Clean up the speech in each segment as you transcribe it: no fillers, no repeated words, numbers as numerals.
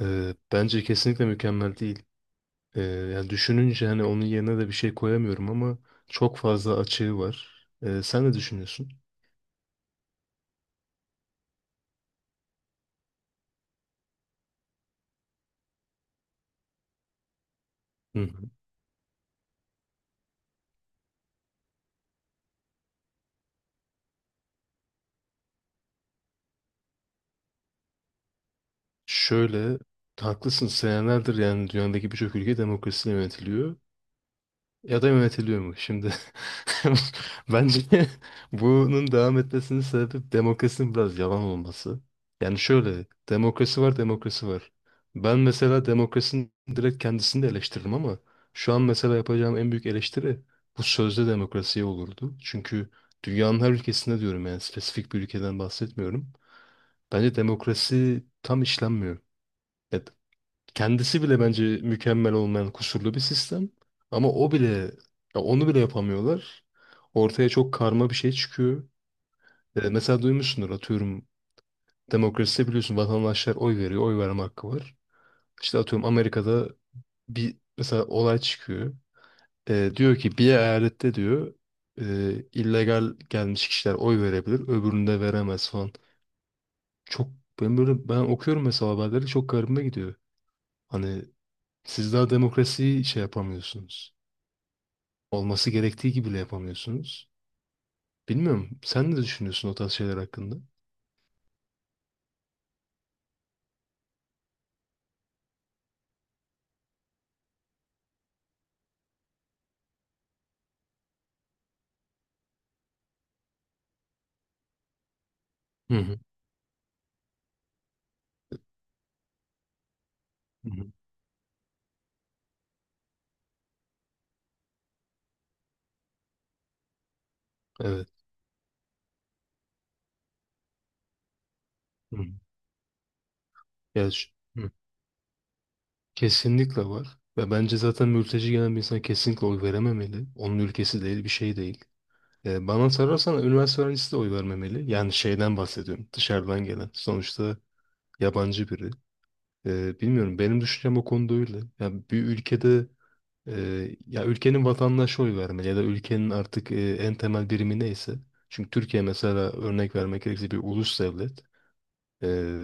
Bence kesinlikle mükemmel değil. Yani düşününce hani onun yerine de bir şey koyamıyorum ama çok fazla açığı var. Sen ne düşünüyorsun? Hı hı. Şöyle, haklısın, senelerdir yani dünyadaki birçok ülke demokrasiyle yönetiliyor. Ya da yönetiliyor mu şimdi? Bence bunun devam etmesinin sebebi demokrasinin biraz yalan olması. Yani şöyle, demokrasi var, demokrasi var. Ben mesela demokrasinin direkt kendisini de eleştiririm ama şu an mesela yapacağım en büyük eleştiri bu sözde demokrasiye olurdu. Çünkü dünyanın her ülkesinde diyorum, yani spesifik bir ülkeden bahsetmiyorum. Bence demokrasi tam işlenmiyor. Evet. Kendisi bile bence mükemmel olmayan kusurlu bir sistem. Ama o bile, ya onu bile yapamıyorlar. Ortaya çok karma bir şey çıkıyor. Mesela duymuşsundur, atıyorum demokraside biliyorsun vatandaşlar oy veriyor, oy verme hakkı var. İşte atıyorum Amerika'da bir mesela olay çıkıyor. Diyor ki bir eyalette diyor, e, illegal gelmiş kişiler oy verebilir, öbüründe veremez falan. Çok, ben okuyorum mesela haberleri, çok garibime gidiyor. Hani siz daha demokrasiyi şey yapamıyorsunuz. Olması gerektiği gibi bile yapamıyorsunuz. Bilmiyorum. Sen ne düşünüyorsun o tarz şeyler hakkında? Hı hı. Hı hı. Evet. Hı hı. Ya, hı. Kesinlikle var. Ve bence zaten mülteci gelen bir insan kesinlikle oy verememeli. Onun ülkesi değil, bir şey değil. Bana sorarsan üniversite öğrencisi de oy vermemeli. Yani şeyden bahsediyorum. Dışarıdan gelen. Sonuçta yabancı biri. Bilmiyorum. Benim düşüncem o konuda öyle. Yani bir ülkede ya ülkenin vatandaşı oy vermeli ya da ülkenin artık en temel birimi neyse. Çünkü Türkiye mesela örnek vermek gerekirse bir ulus devlet. Eee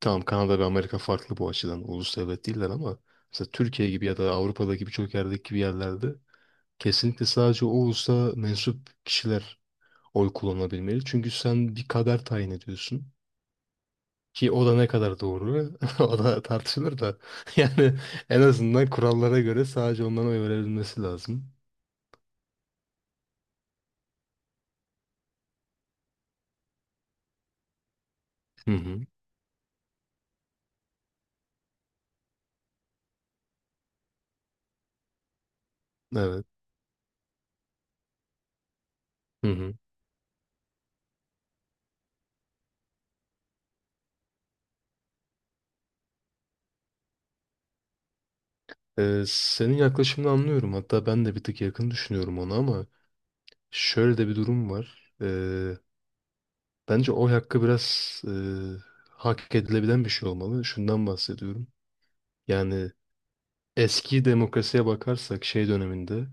tamam Kanada ve Amerika farklı bu açıdan, ulus devlet değiller ama mesela Türkiye gibi ya da Avrupa'daki birçok yerdeki gibi yerlerde kesinlikle sadece o ulusa mensup kişiler oy kullanabilmeli. Çünkü sen bir kader tayin ediyorsun. Ki o da ne kadar doğru o da tartışılır da yani en azından kurallara göre sadece onların oy verebilmesi lazım. Hı hı. Evet. Hı hı. Senin yaklaşımını anlıyorum. Hatta ben de bir tık yakın düşünüyorum ona, ama şöyle de bir durum var. Bence oy hakkı biraz hak edilebilen bir şey olmalı. Şundan bahsediyorum. Yani eski demokrasiye bakarsak şey döneminde,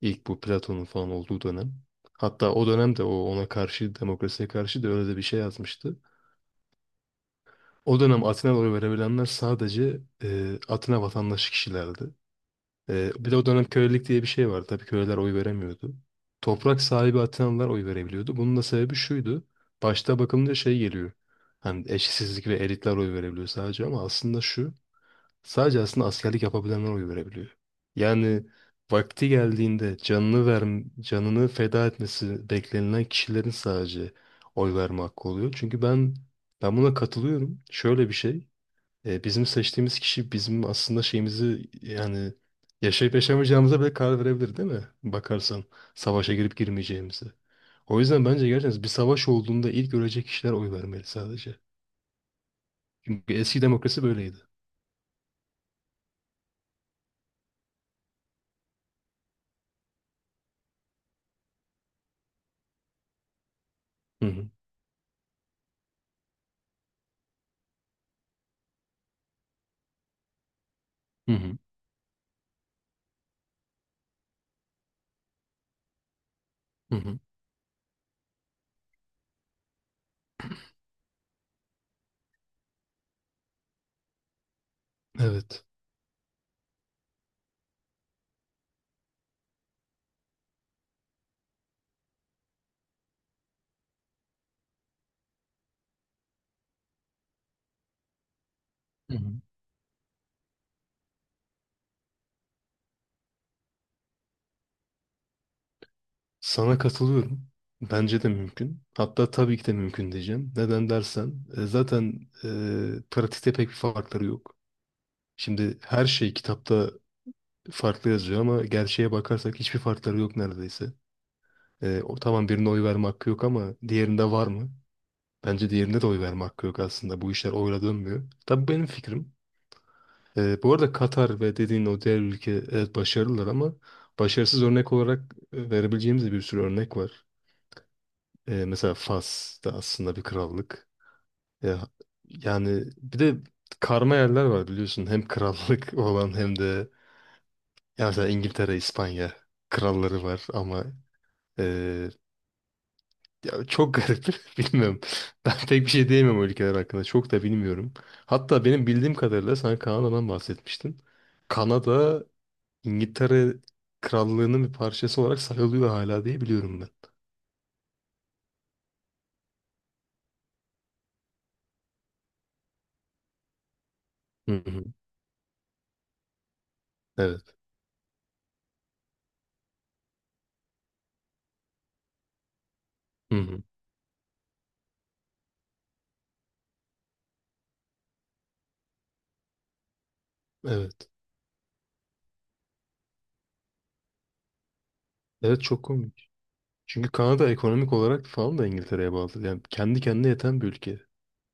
ilk bu Platon'un falan olduğu dönem. Hatta o dönemde o ona karşı demokrasiye karşı da öyle de bir şey yazmıştı. O dönem Atina'da oy verebilenler sadece Atina vatandaşı kişilerdi. Bir de o dönem kölelik diye bir şey vardı. Tabii köleler oy veremiyordu. Toprak sahibi Atinalılar oy verebiliyordu. Bunun da sebebi şuydu. Başta bakılınca şey geliyor. Hani eşitsizlik ve elitler oy verebiliyor sadece, ama aslında şu. Sadece aslında askerlik yapabilenler oy verebiliyor. Yani vakti geldiğinde canını ver, canını feda etmesi beklenilen kişilerin sadece oy verme hakkı oluyor. Çünkü ben buna katılıyorum. Şöyle bir şey. Bizim seçtiğimiz kişi bizim aslında şeyimizi, yani yaşayıp yaşamayacağımıza bile karar verebilir değil mi? Bakarsan savaşa girip girmeyeceğimizi. O yüzden bence gerçekten bir savaş olduğunda ilk ölecek kişiler oy vermeli sadece. Çünkü eski demokrasi böyleydi. Hı hı. Hı hı. Hı hı. Evet. Hı hı. Sana katılıyorum. Bence de mümkün. Hatta tabii ki de mümkün diyeceğim. Neden dersen zaten pratikte pek bir farkları yok. Şimdi her şey kitapta farklı yazıyor, ama gerçeğe bakarsak hiçbir farkları yok neredeyse. O tamam, birine oy verme hakkı yok ama diğerinde var mı? Bence diğerinde de oy verme hakkı yok aslında. Bu işler oyla dönmüyor. Tabii bu benim fikrim. Bu arada Katar ve dediğin o diğer ülke, evet, başarılılar ama başarısız örnek olarak verebileceğimiz de bir sürü örnek var. Mesela Fas da aslında bir krallık. Ya, yani bir de karma yerler var biliyorsun. Hem krallık olan hem de ya mesela İngiltere, İspanya kralları var ama Ee, ya çok garip. Bilmiyorum. Ben pek bir şey diyemem o ülkeler hakkında. Çok da bilmiyorum. Hatta benim bildiğim kadarıyla sen Kanada'dan bahsetmiştin. Kanada İngiltere Krallığı'nın bir parçası olarak sayılıyor hala diye biliyorum ben. Hı hı. Evet. Hı hı. Evet. Evet, çok komik. Çünkü Kanada ekonomik olarak falan da İngiltere'ye bağlı. Yani kendi kendine yeten bir ülke.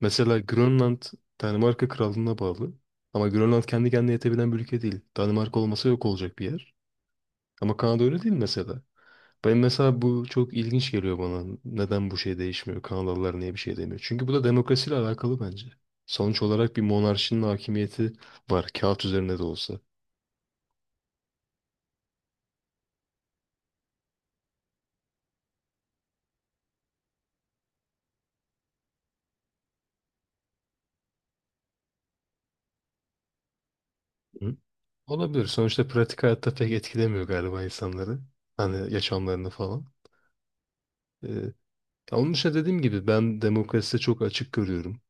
Mesela Grönland Danimarka Krallığı'na bağlı. Ama Grönland kendi kendine yetebilen bir ülke değil. Danimarka olmasa yok olacak bir yer. Ama Kanada öyle değil mesela. Ben mesela bu çok ilginç geliyor bana. Neden bu şey değişmiyor? Kanadalılar niye bir şey demiyor? Çünkü bu da demokrasiyle alakalı bence. Sonuç olarak bir monarşinin hakimiyeti var. Kağıt üzerinde de olsa. Hı? Olabilir. Sonuçta pratik hayatta pek etkilemiyor galiba insanları. Hani yaşamlarını falan. Ee, ya onun dışında dediğim gibi ben demokraside çok açık görüyorum.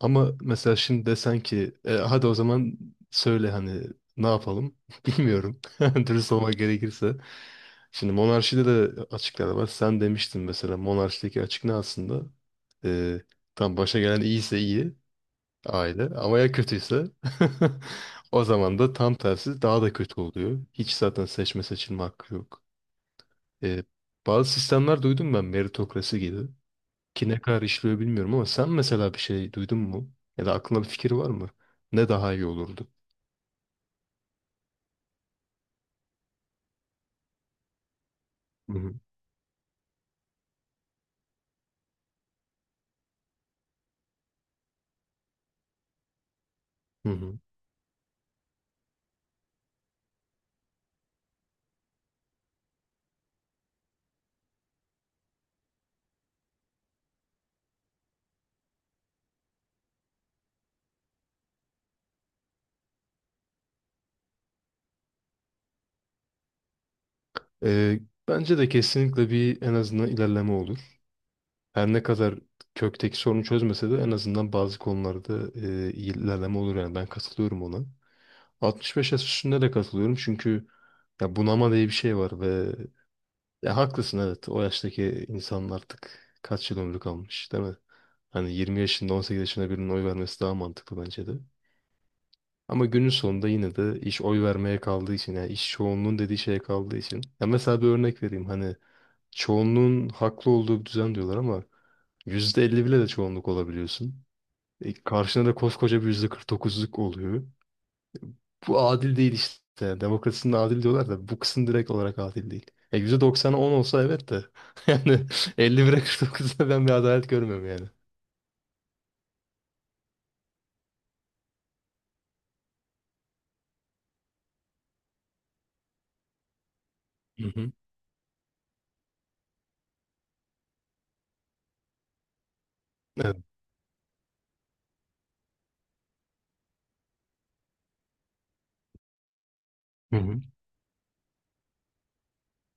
Ama mesela şimdi desen ki "Hadi o zaman söyle hani ne yapalım?" Bilmiyorum. Dürüst olmak gerekirse. Şimdi monarşide de açıklar var. Sen demiştin, mesela monarşideki açık ne aslında? E, tam başa gelen iyiyse iyi aile, ama ya kötüyse o zaman da tam tersi daha da kötü oluyor. Hiç zaten seçme seçilme hakkı yok. E, bazı sistemler duydum ben, meritokrasi gibi, ki ne kadar işliyor bilmiyorum ama sen mesela bir şey duydun mu? Ya da aklında bir fikir var mı? Ne daha iyi olurdu? Hı hı. Hı hı. Ee, bence de kesinlikle bir en azından ilerleme olur. Her ne kadar kökteki sorunu çözmese de en azından bazı konularda iyi ilerleme olur, yani ben katılıyorum ona. 65 yaş üstünde de katılıyorum çünkü ya bunama diye bir şey var ve ya haklısın, evet, o yaştaki insanlar artık kaç yıl ömrü kalmış değil mi? Hani 20 yaşında 18 yaşında birinin oy vermesi daha mantıklı bence de. Ama günün sonunda yine de iş oy vermeye kaldığı için, yani iş çoğunluğun dediği şeye kaldığı için. Ya mesela bir örnek vereyim hani çoğunluğun haklı olduğu bir düzen diyorlar, ama %50 bile de çoğunluk olabiliyorsun. Karşına da koskoca bir %49'luk oluyor. Bu adil değil işte. Demokrasinin adil diyorlar da bu kısım direkt olarak adil değil. %90'a 10 olsa evet de yani 51'e 49'da ben bir adalet görmüyorum yani. Hı hı. Evet.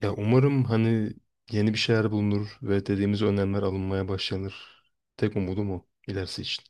Ya umarım hani yeni bir şeyler bulunur ve dediğimiz önlemler alınmaya başlanır. Tek umudum o ilerisi için.